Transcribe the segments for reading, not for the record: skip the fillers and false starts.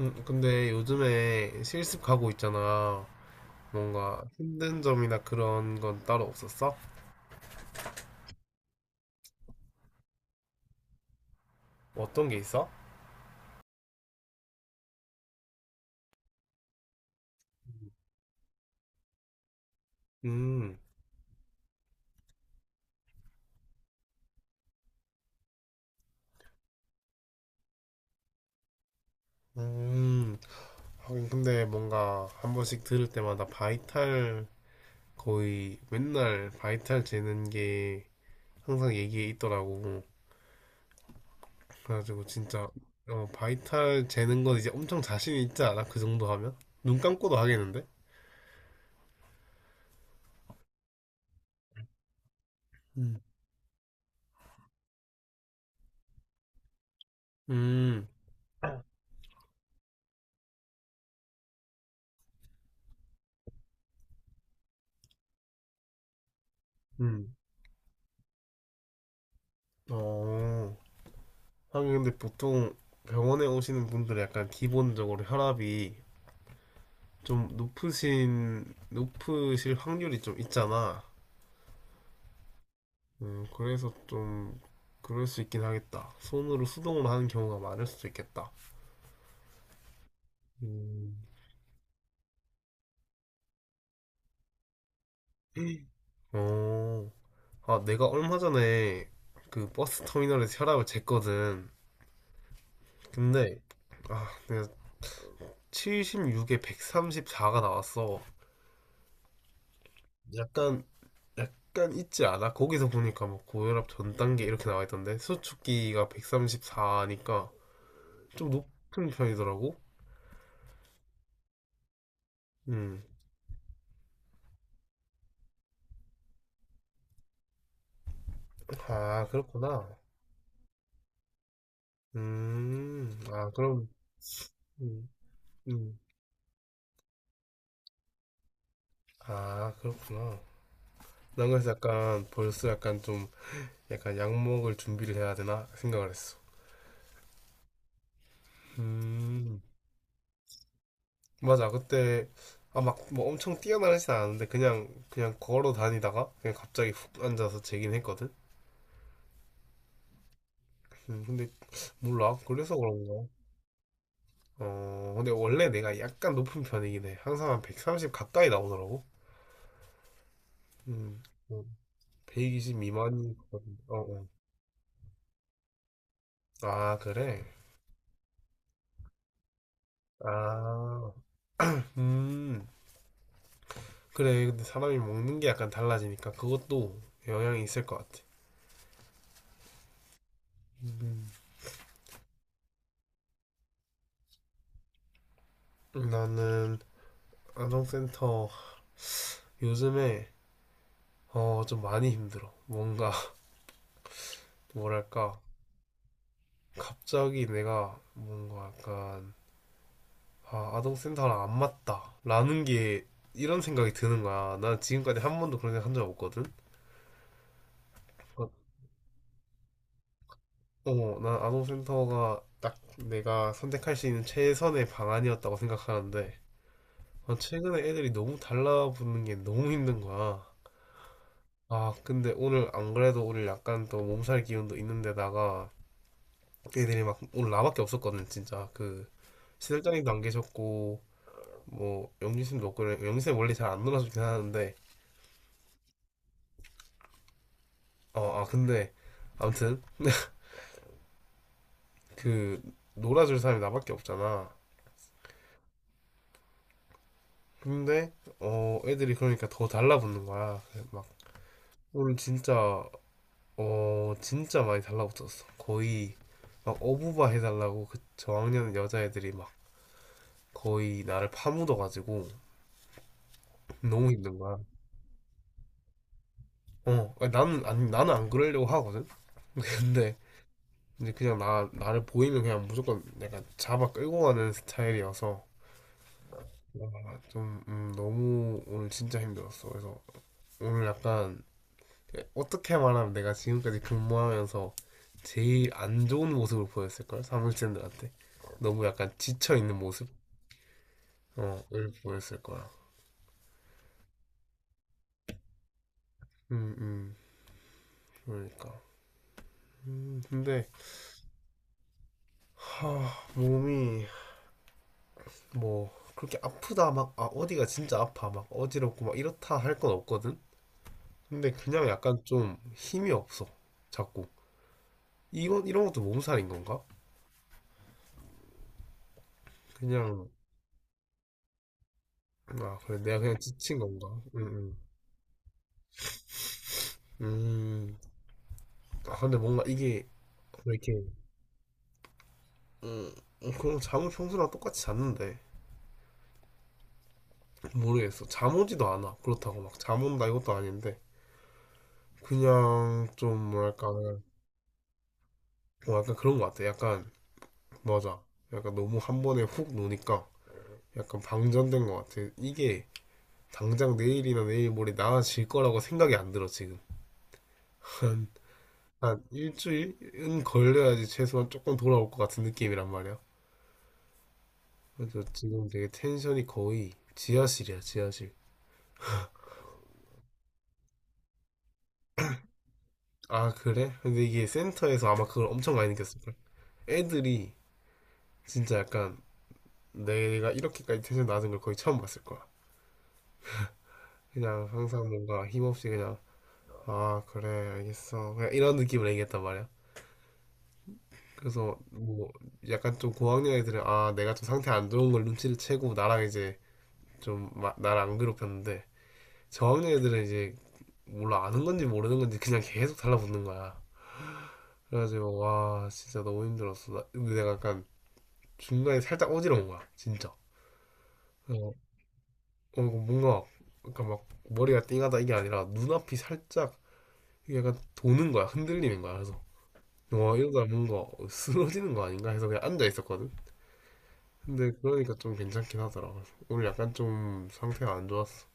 근데 요즘에 실습 가고 있잖아. 뭔가 힘든 점이나 그런 건 따로 없었어? 어떤 게 있어? 음. 음. 하긴 근데 뭔가 한 번씩 들을 때마다 바이탈 거의 맨날 바이탈 재는 게 항상 얘기에 있더라고. 그래가지고 진짜 어, 바이탈 재는 건 이제 엄청 자신 있지 않아? 그 정도 하면? 눈 감고도 하겠는데? 음. 음. 음. 어. 하긴 근데 보통 병원에 오시는 분들은 약간 기본적으로 혈압이 좀 높으신 높으실 확률이 좀 있잖아. 그래서 좀 그럴 수 있긴 하겠다. 손으로 수동으로 하는 경우가 많을 수도 있겠다. 음. 어, 내가 얼마 전에 그 버스 터미널에서 혈압을 쟀거든. 근데 내가 76에 134가 나왔어. 약간 약간 있지 않아? 거기서 보니까 뭐 고혈압 전 단계 이렇게 나와 있던데 수축기가 134니까 좀 높은 편이더라고. 음. 아, 그렇구나. 음. 아, 그럼. 음. 음. 아, 그렇구나. 난 그래서 약간 벌써 약간 좀 약간 약 먹을 준비를 해야 되나 생각을 했어. 음. 맞아. 그때 막, 뭐 엄청 뛰어나르진 않았는데, 그냥, 걸어 다니다가, 그냥 갑자기 훅 앉아서 재긴 했거든? 근데 몰라. 그래서 그런가? 근데 원래 내가 약간 높은 편이긴 해. 항상 한 130 가까이 나오더라고. 음, 뭐120 미만이 거든. 어, 어. 아, 그래? 아, 음, 그래. 근데 사람이 먹는 게 약간 달라지니까 그것도 영향이 있을 것 같아. 음, 나는 안정센터 요즘에 좀 많이 힘들어. 뭔가 뭐랄까 갑자기 내가 뭔가 약간 아동센터랑 안 맞다. 라는 게 이런 생각이 드는 거야. 난 지금까지 한 번도 그런 생각 한 적 없거든. 그러니까, 난 아동센터가 딱 내가 선택할 수 있는 최선의 방안이었다고 생각하는데, 아, 최근에 애들이 너무 달라붙는 게 너무 힘든 거야. 아, 근데 오늘 안 그래도 오늘 약간 또 몸살 기운도 있는데다가 애들이 막 오늘 나밖에 없었거든, 진짜. 그 시설장님도 안 계셨고, 뭐 영진 쌤도 없고, 영진 쌤 원래 잘 안 놀아주긴 하는데, 근데 아무튼 그 놀아줄 사람이 나밖에 없잖아. 근데 애들이 그러니까 더 달라붙는 거야. 그래서 막 오늘 진짜 진짜 많이 달라붙었어. 거의 막 어부바 해달라고 그 저학년 여자애들이 막 거의 나를 파묻어가지고 너무 힘든 거야. 아니, 나는 아니 나는 안 그러려고 하거든. 근데 이제 그냥 나 나를 보이면 그냥 무조건 내가 잡아 끌고 가는 스타일이어서 아, 좀 너무 오늘 진짜 힘들었어. 그래서 오늘 약간 어떻게 말하면 내가 지금까지 근무하면서 제일 안 좋은 모습을 보였을 걸 사무실들한테 너무 약간 지쳐 있는 모습 을 보였을 거야. 음음 그러니까 근데 하 몸이 뭐 그렇게 아프다 막 어디가 진짜 아파 막 어지럽고 막 이렇다 할 건 없거든. 근데 그냥 약간 좀 힘이 없어 자꾸 이건 이런 것도 몸살인 건가 그냥 아 그래 내가 그냥 지친 건가. 음. 음. 음, 아, 근데 뭔가 이게 왜 이렇게 음, 그럼 잠을 평소랑 똑같이 잤는데 모르겠어. 잠 오지도 않아. 그렇다고 막 잠 온다 이것도 아닌데 그냥 좀 뭐랄까 뭐 약간 그런 것 같아. 약간 맞아. 약간 너무 한 번에 훅 노니까 약간 방전된 것 같아. 이게 당장 내일이나 내일 모레 나아질 거라고 생각이 안 들어 지금. 한, 한 일주일은 걸려야지 최소한 조금 돌아올 것 같은 느낌이란 말이야. 그래서 지금 되게 텐션이 거의 지하실이야 지하실. 아, 그래? 근데 이게 센터에서 아마 그걸 엄청 많이 느꼈을걸. 애들이 진짜 약간 내가 이렇게까지 텐션 낮은 걸 거의 처음 봤을 거야. 그냥 항상 뭔가 힘없이 그냥, 아, 그래, 알겠어. 그냥 이런 느낌을 얘기했단 말이야. 그래서 뭐 약간 좀 고학년 애들은 아, 내가 좀 상태 안 좋은 걸 눈치를 채고 나랑 이제 좀 나를 안 괴롭혔는데 저학년 애들은 이제 몰라 아는 건지 모르는 건지 그냥 계속 달라붙는 거야. 그래가지고 와, 진짜 너무 힘들었어. 근데 내가 약간 중간에 살짝 어지러운 거야, 진짜. 어, 어, 뭔가, 그러니까 막 머리가 띵하다 이게 아니라 눈앞이 살짝 이게 약간 도는 거야. 흔들리는 거야. 그래서 와, 이러다 뭔가 쓰러지는 거 아닌가 해서 그냥 앉아 있었거든. 근데 그러니까 좀 괜찮긴 하더라. 그래서 오늘 약간 좀 상태가 안 좋았어.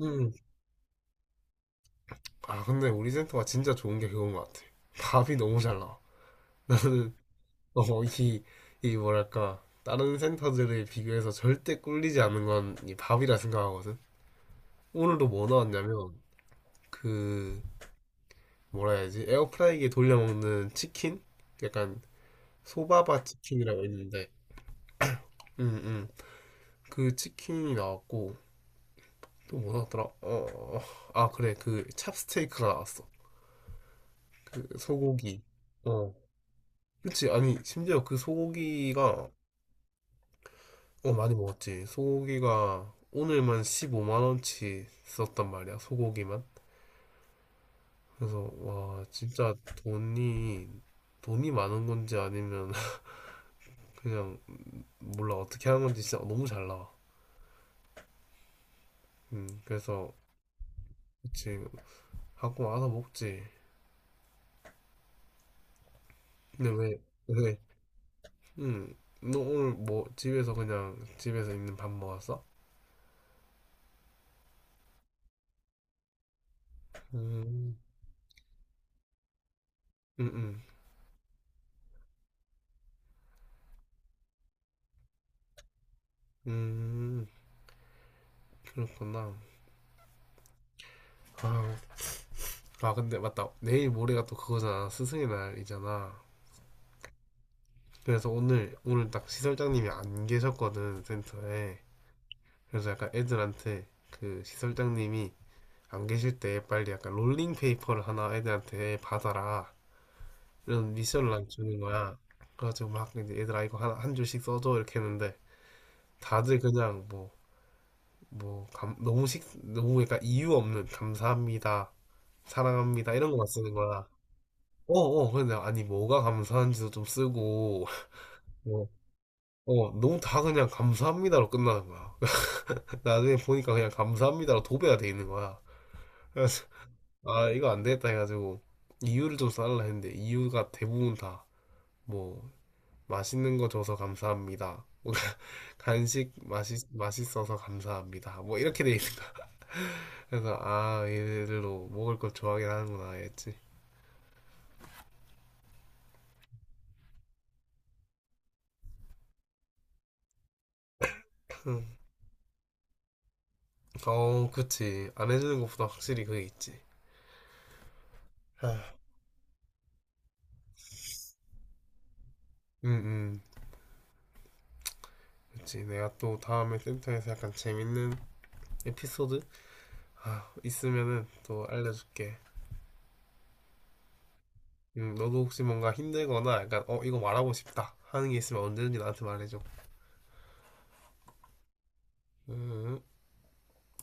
음. 아, 근데 우리 센터가 진짜 좋은 게 그건 것 같아. 밥이 너무 잘 나와. 나는, 어, 이, 이 뭐랄까. 다른 센터들에 비교해서 절대 꿀리지 않는 건 이 밥이라 생각하거든. 오늘도 뭐 나왔냐면, 그, 뭐라 해야지 에어프라이기에 돌려 먹는 치킨 약간 소바바 치킨이라고 있는데 응응. 그 치킨이 나왔고 또 뭐 나왔더라 어아 그래 그 찹스테이크가 나왔어. 그 소고기 어 그치 아니 심지어 그 소고기가 많이 먹었지. 소고기가 오늘만 15만 원치 썼단 말이야 소고기만. 그래서 와 진짜 돈이 돈이 많은 건지 아니면 그냥 몰라 어떻게 하는 건지 진짜 너무 잘 나와. 그래서 그치 갖고 와서 먹지. 근데 왜, 음, 너 오늘 뭐 집에서 그냥 집에서 있는 밥 먹었어? 음. 음. 음. 음, 그렇구나. 아, 아, 근데 맞다. 내일 모레가 또 그거잖아. 스승의 날이잖아. 그래서 오늘 딱 시설장님이 안 계셨거든, 센터에. 그래서 약간 애들한테 그 시설장님이 안 계실 때 빨리 약간 롤링 페이퍼를 하나 애들한테 받아라. 이런 미션을 난 주는 거야. 그래가지고 막 이제 얘들아 이거 한 줄씩 써줘 이렇게 했는데 다들 그냥 뭐 너무 약간 이유 없는 감사합니다, 사랑합니다 이런 거만 쓰는 거야. 어, 어, 근데 아니 뭐가 감사한지도 좀 쓰고 뭐, 너무 다 그냥 감사합니다로 끝나는 거야. 나중에 보니까 그냥 감사합니다로 도배가 돼 있는 거야. 그래서 아 이거 안 되겠다 해가지고 이유를 좀 써달라 했는데 이유가 대부분 다뭐 맛있는 거 줘서 감사합니다. 뭔가 간식 맛있어서 감사합니다. 뭐 이렇게 돼 있는 거야. 그래서 아 얘들도 먹을 걸 좋아하긴 하는구나 했지. 그치 안 해주는 것보다 확실히 그게 있지. 응응 그치 내가 또 다음에 센터에서 약간 재밌는 에피소드 있으면은 또 알려줄게. 너도 혹시 뭔가 힘들거나 약간 이거 말하고 싶다 하는 게 있으면 언제든지 나한테 말해줘. 음.